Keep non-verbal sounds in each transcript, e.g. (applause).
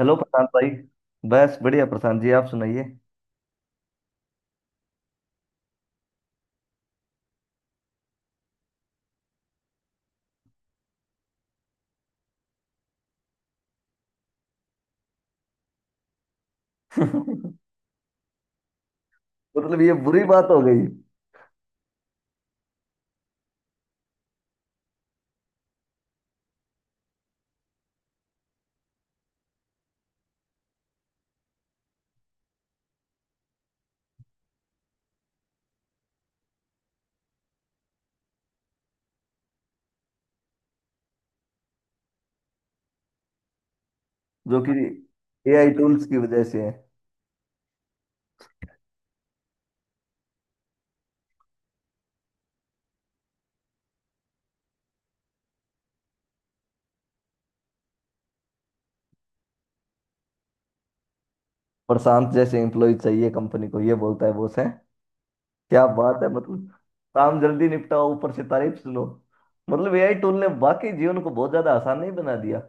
Hello Prashant भाई। बस बढ़िया प्रशांत जी, आप सुनाइए। मतलब ये बुरी बात हो गई। जो कि एआई टूल्स की वजह से है। प्रशांत जैसे एम्प्लॉय चाहिए कंपनी को, ये बोलता है बॉस है? क्या बात है। मतलब काम जल्दी निपटाओ, ऊपर से तारीफ सुनो। मतलब एआई टूल ने वाकई जीवन को बहुत ज्यादा आसान नहीं बना दिया।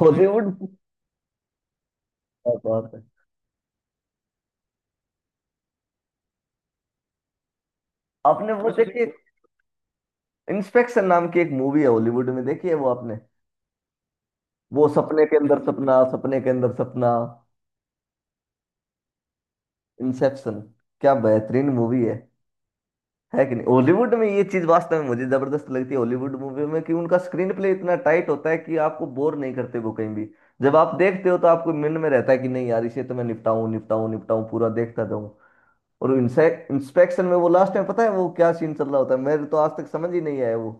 हॉलीवुड? क्या बात है। आपने वो देखिए, इंस्पेक्शन नाम की एक मूवी है हॉलीवुड में, देखी है वो आपने? वो सपने के अंदर सपना, सपने के अंदर सपना। इंसेप्शन। क्या बेहतरीन मूवी है कि नहीं? हॉलीवुड में ये चीज वास्तव में मुझे जबरदस्त लगती है हॉलीवुड मूवी में, कि उनका स्क्रीन प्ले इतना टाइट होता है कि आपको बोर नहीं करते वो कहीं भी। जब आप देखते हो तो आपको मन में रहता है कि नहीं यार, इसे तो मैं निपटाऊं निपटाऊं निपटाऊं, पूरा देखता जाऊं। और इंस्पेक्शन में वो लास्ट में पता है वो क्या सीन चल रहा होता है, मेरे तो आज तक समझ ही नहीं आया वो,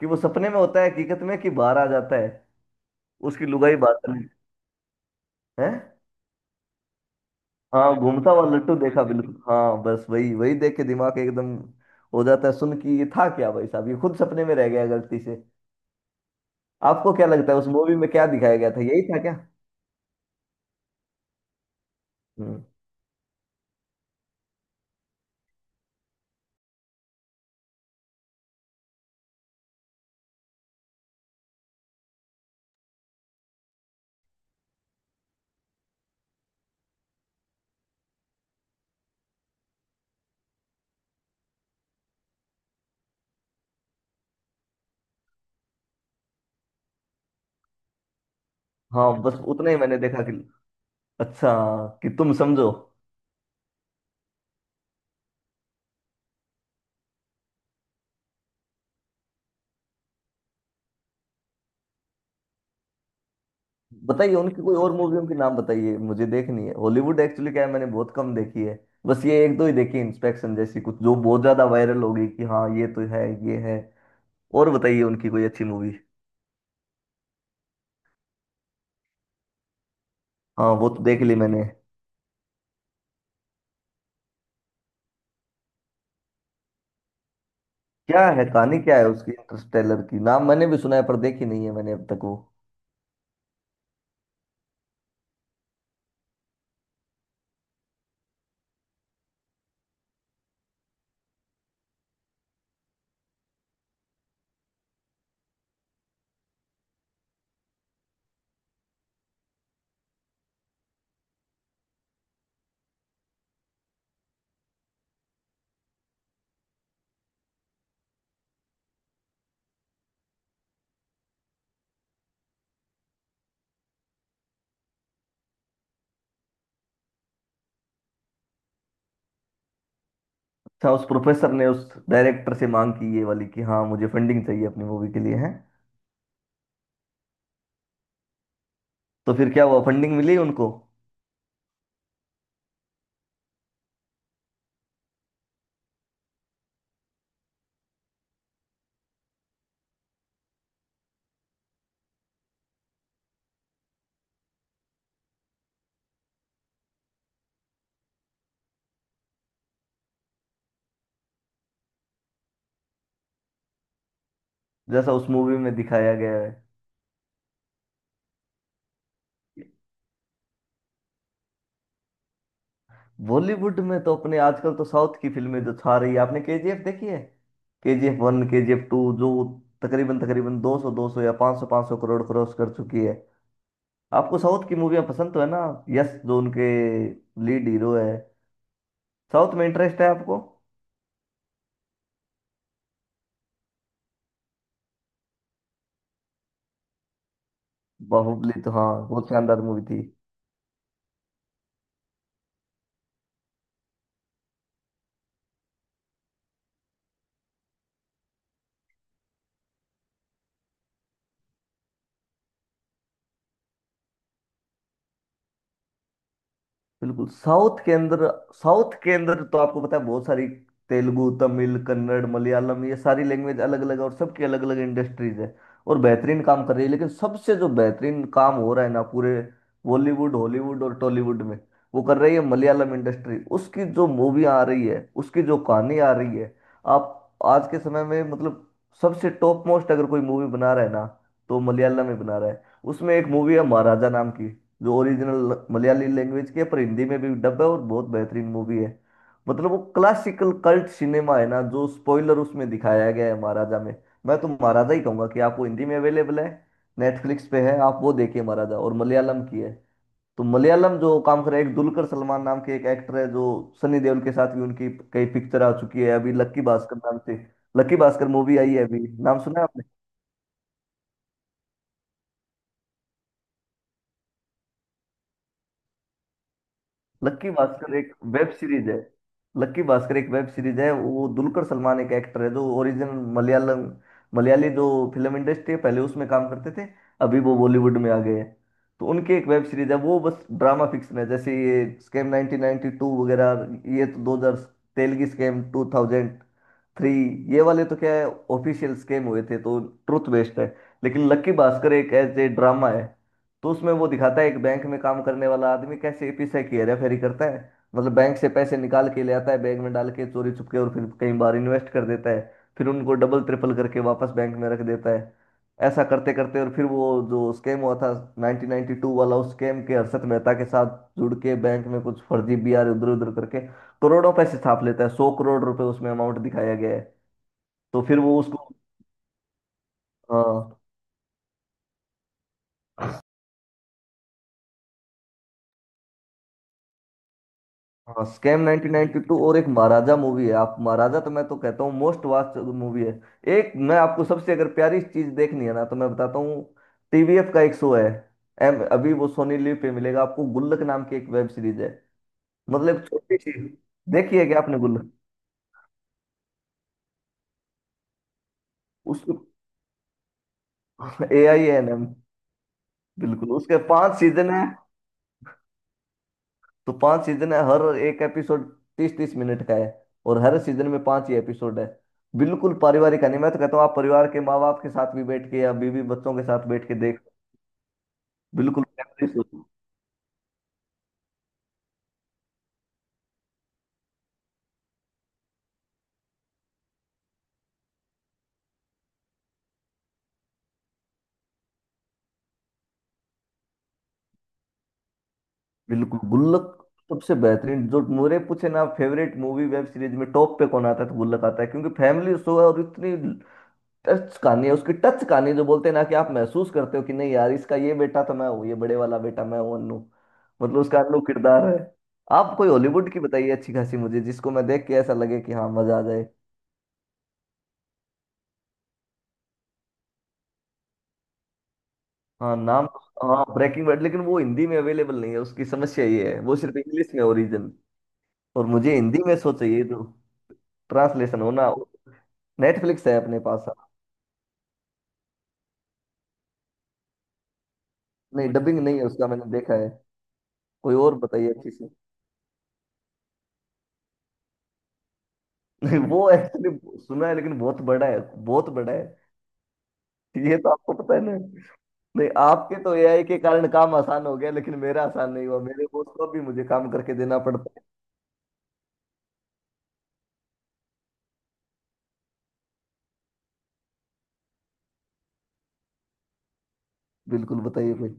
कि वो सपने में होता है हकीकत में कि बाहर आ जाता है। उसकी लुगाई बाहर चली है? हाँ, घूमता हुआ लट्टू देखा, बिल्कुल। हाँ, बस वही वही देख के दिमाग एकदम हो जाता है सुन कि ये था क्या भाई साहब, ये खुद सपने में रह गया गलती से। आपको क्या लगता है उस मूवी में क्या दिखाया गया था, यही था क्या? हम्म। हाँ बस उतना ही मैंने देखा कि, अच्छा, कि तुम समझो। बताइए उनकी कोई और मूवियों के नाम बताइए, मुझे देखनी है। हॉलीवुड एक्चुअली क्या है, मैंने बहुत कम देखी है। बस ये एक दो ही देखी, इंस्पेक्शन जैसी कुछ जो बहुत ज्यादा वायरल हो गई कि हाँ ये तो है, ये है। और बताइए उनकी कोई अच्छी मूवी। हाँ वो तो देख ली मैंने। क्या है कहानी, क्या है उसकी इंटरस्टेलर की? नाम मैंने भी सुना है पर देखी नहीं है मैंने अब तक वो। अच्छा, उस प्रोफेसर ने उस डायरेक्टर से मांग की ये वाली कि हाँ मुझे फंडिंग चाहिए अपनी मूवी के लिए, है? तो फिर क्या हुआ, फंडिंग मिली उनको? जैसा उस मूवी में दिखाया गया है। बॉलीवुड में तो अपने आजकल तो साउथ की फिल्में जो छा रही है, आपने केजीएफ देखी है? केजीएफ वन, केजीएफ टू, जो तकरीबन तकरीबन 200 200 या 500 500 करोड़ क्रॉस कर चुकी है। आपको साउथ की मूवियाँ पसंद तो है ना? यस, जो उनके लीड हीरो है, साउथ में इंटरेस्ट है आपको? बाहुबली तो हाँ बहुत शानदार मूवी थी। बिल्कुल, साउथ के अंदर, साउथ के अंदर तो आपको पता है बहुत सारी तेलुगु, तमिल, कन्नड़, मलयालम, ये सारी लैंग्वेज अलग अलग है और सबकी अलग अलग इंडस्ट्रीज है, और बेहतरीन काम कर रही है। लेकिन सबसे जो बेहतरीन काम हो रहा है ना पूरे बॉलीवुड, हॉलीवुड और टॉलीवुड में, वो कर रही है मलयालम इंडस्ट्री। उसकी जो मूवी आ रही है, उसकी जो कहानी आ रही है, आप आज के समय में, मतलब सबसे टॉप मोस्ट अगर कोई मूवी बना रहा है ना तो मलयालम में बना रहा है। उसमें एक मूवी है महाराजा नाम की, जो ओरिजिनल मलयाली लैंग्वेज के है, पर हिंदी में भी डब है और बहुत बेहतरीन मूवी है। मतलब वो क्लासिकल कल्ट सिनेमा है ना, जो स्पॉइलर उसमें दिखाया गया है महाराजा में। मैं तो महाराजा ही कहूंगा कि आपको हिंदी में अवेलेबल है, नेटफ्लिक्स पे है, आप वो देखिए महाराजा, और मलयालम की है। तो मलयालम जो काम कर रहा है, एक दुलकर सलमान नाम के एक एक्टर है जो सनी देओल के साथ भी उनकी कई पिक्चर आ चुकी है, अभी लक्की भास्कर नाम से। लक्की भास्कर मूवी आई है अभी, नाम सुना है? लक्की भास्कर एक वेब सीरीज है। लक्की भास्कर एक वेब सीरीज है। वो दुलकर सलमान एक एक्टर है जो ओरिजिनल मलयालम, मलयाली जो फिल्म इंडस्ट्री है, पहले उसमें काम करते थे, अभी वो बॉलीवुड में आ गए हैं। तो उनकी एक वेब सीरीज है, वो बस ड्रामा फिक्शन है, जैसे ये स्कैम 1992 वगैरह, ये तो 2000, तेलगी स्कैम 2000 थ्री, ये वाले तो क्या है, ऑफिशियल स्कैम हुए थे, तो ट्रुथ बेस्ड है। लेकिन लक्की भास्कर एक ऐसे ड्रामा है। तो उसमें वो दिखाता है एक बैंक में काम करने वाला आदमी कैसे पैसे की हेराफेरी करता है। मतलब बैंक से पैसे निकाल के ले आता है, बैंक में डाल के चोरी छुपके, और फिर कई बार इन्वेस्ट कर देता है, फिर उनको डबल ट्रिपल करके वापस बैंक में रख देता है। ऐसा करते करते, और फिर वो जो स्कैम हुआ था 1992 वाला, उस स्कैम के हर्षद मेहता के साथ जुड़ के बैंक में कुछ फर्जी बीआर इधर उधर करके करोड़ों पैसे छाप लेता है। 100 करोड़ रुपए उसमें अमाउंट दिखाया गया है। तो फिर वो उसको, हाँ हाँ, स्कैम 1992 और एक महाराजा मूवी है। आप महाराजा, तो मैं तो कहता हूँ मोस्ट वास्ट मूवी है। एक मैं आपको सबसे अगर प्यारी चीज देखनी है ना, तो मैं बताता हूँ, टीवीएफ का एक शो है। एम अभी वो सोनी लिव पे मिलेगा आपको, गुल्लक नाम की एक वेब सीरीज है। मतलब छोटी सी, देखिए क्या आपने गुल्लक, उसको, ए आई एन एम। बिल्कुल, उसके 5 सीजन है। तो 5 सीजन है, हर एक एपिसोड 30-30 मिनट का है, और हर सीजन में 5 ही एपिसोड है। बिल्कुल पारिवारिक कहानी, मैं तो कहता हूँ आप परिवार के माँ बाप के साथ भी बैठ के या बीवी बच्चों के साथ बैठ के देख। बिल्कुल, बिल्कुल गुल्लक। सबसे बेहतरीन जो मेरे पूछे ना फेवरेट मूवी वेब सीरीज में टॉप पे कौन आता है, तो गुल्लक आता है, क्योंकि फैमिली शो है और इतनी टच कहानी है उसकी, टच कहानी जो बोलते हैं ना, कि आप महसूस करते हो कि नहीं यार, इसका ये बेटा तो मैं हूँ, ये बड़े वाला बेटा मैं हूँ अन्नू, मतलब उसका अन्नू किरदार है। आप कोई हॉलीवुड की बताइए अच्छी खासी, मुझे जिसको मैं देख के ऐसा लगे कि हाँ मजा आ जाए। हाँ नाम तो, हाँ ब्रेकिंग बैड, लेकिन वो हिंदी में अवेलेबल नहीं है, उसकी समस्या ये है वो सिर्फ इंग्लिश में ओरिजिन, और मुझे हिंदी में सो चाहिए, तो ट्रांसलेशन होना। नेटफ्लिक्स है अपने पास? नहीं, डबिंग नहीं है उसका, मैंने देखा है। कोई और बताइए अच्छी सी। (laughs) नहीं, वो एक्चुअली सुना है लेकिन बहुत बड़ा है, बहुत बड़ा है। ये तो आपको पता है ना। नहीं, आपके तो एआई के कारण काम आसान हो गया, लेकिन मेरा आसान नहीं हुआ, मेरे बॉस को भी मुझे काम करके देना पड़ता है। बिल्कुल बताइए कोई।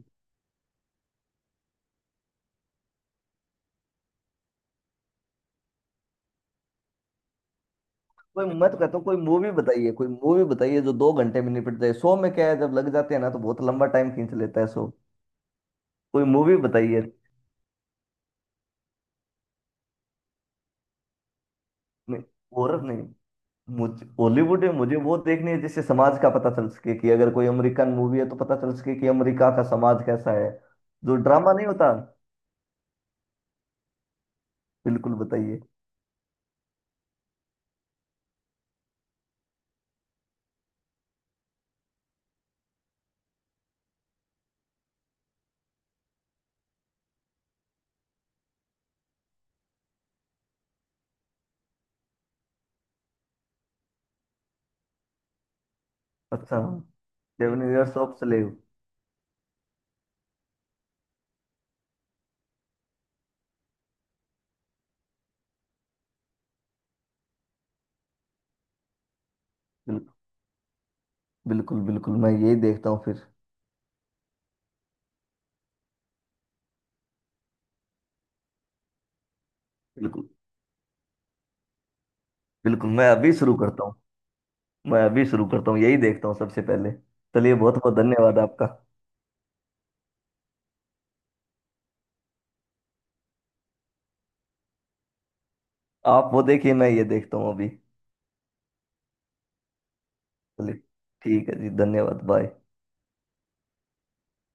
कोई मैं तो कहता हूँ कोई मूवी बताइए, कोई मूवी बताइए जो 2 घंटे में निपट जाए, शो में क्या है जब लग जाते हैं ना तो बहुत लंबा टाइम खींच लेता है शो। कोई मूवी बताइए। नहीं हॉरर नहीं, मुझ, हॉलीवुड में मुझे वो देखनी है जिससे समाज का पता चल सके, कि अगर कोई अमेरिकन मूवी है तो पता चल सके कि अमेरिका का समाज कैसा है, जो ड्रामा नहीं होता। बिल्कुल बताइए। अच्छा, सेवन इयर्स ऑफ स्लेव? बिल्कुल बिल्कुल बिल्कुल, मैं यही देखता हूँ फिर। बिल्कुल बिल्कुल, मैं अभी शुरू करता हूँ। मैं अभी शुरू करता हूँ, यही देखता हूँ सबसे पहले। चलिए बहुत बहुत धन्यवाद आपका। आप वो देखिए, मैं ये देखता हूँ अभी। चलिए, ठीक है जी, धन्यवाद, बाय।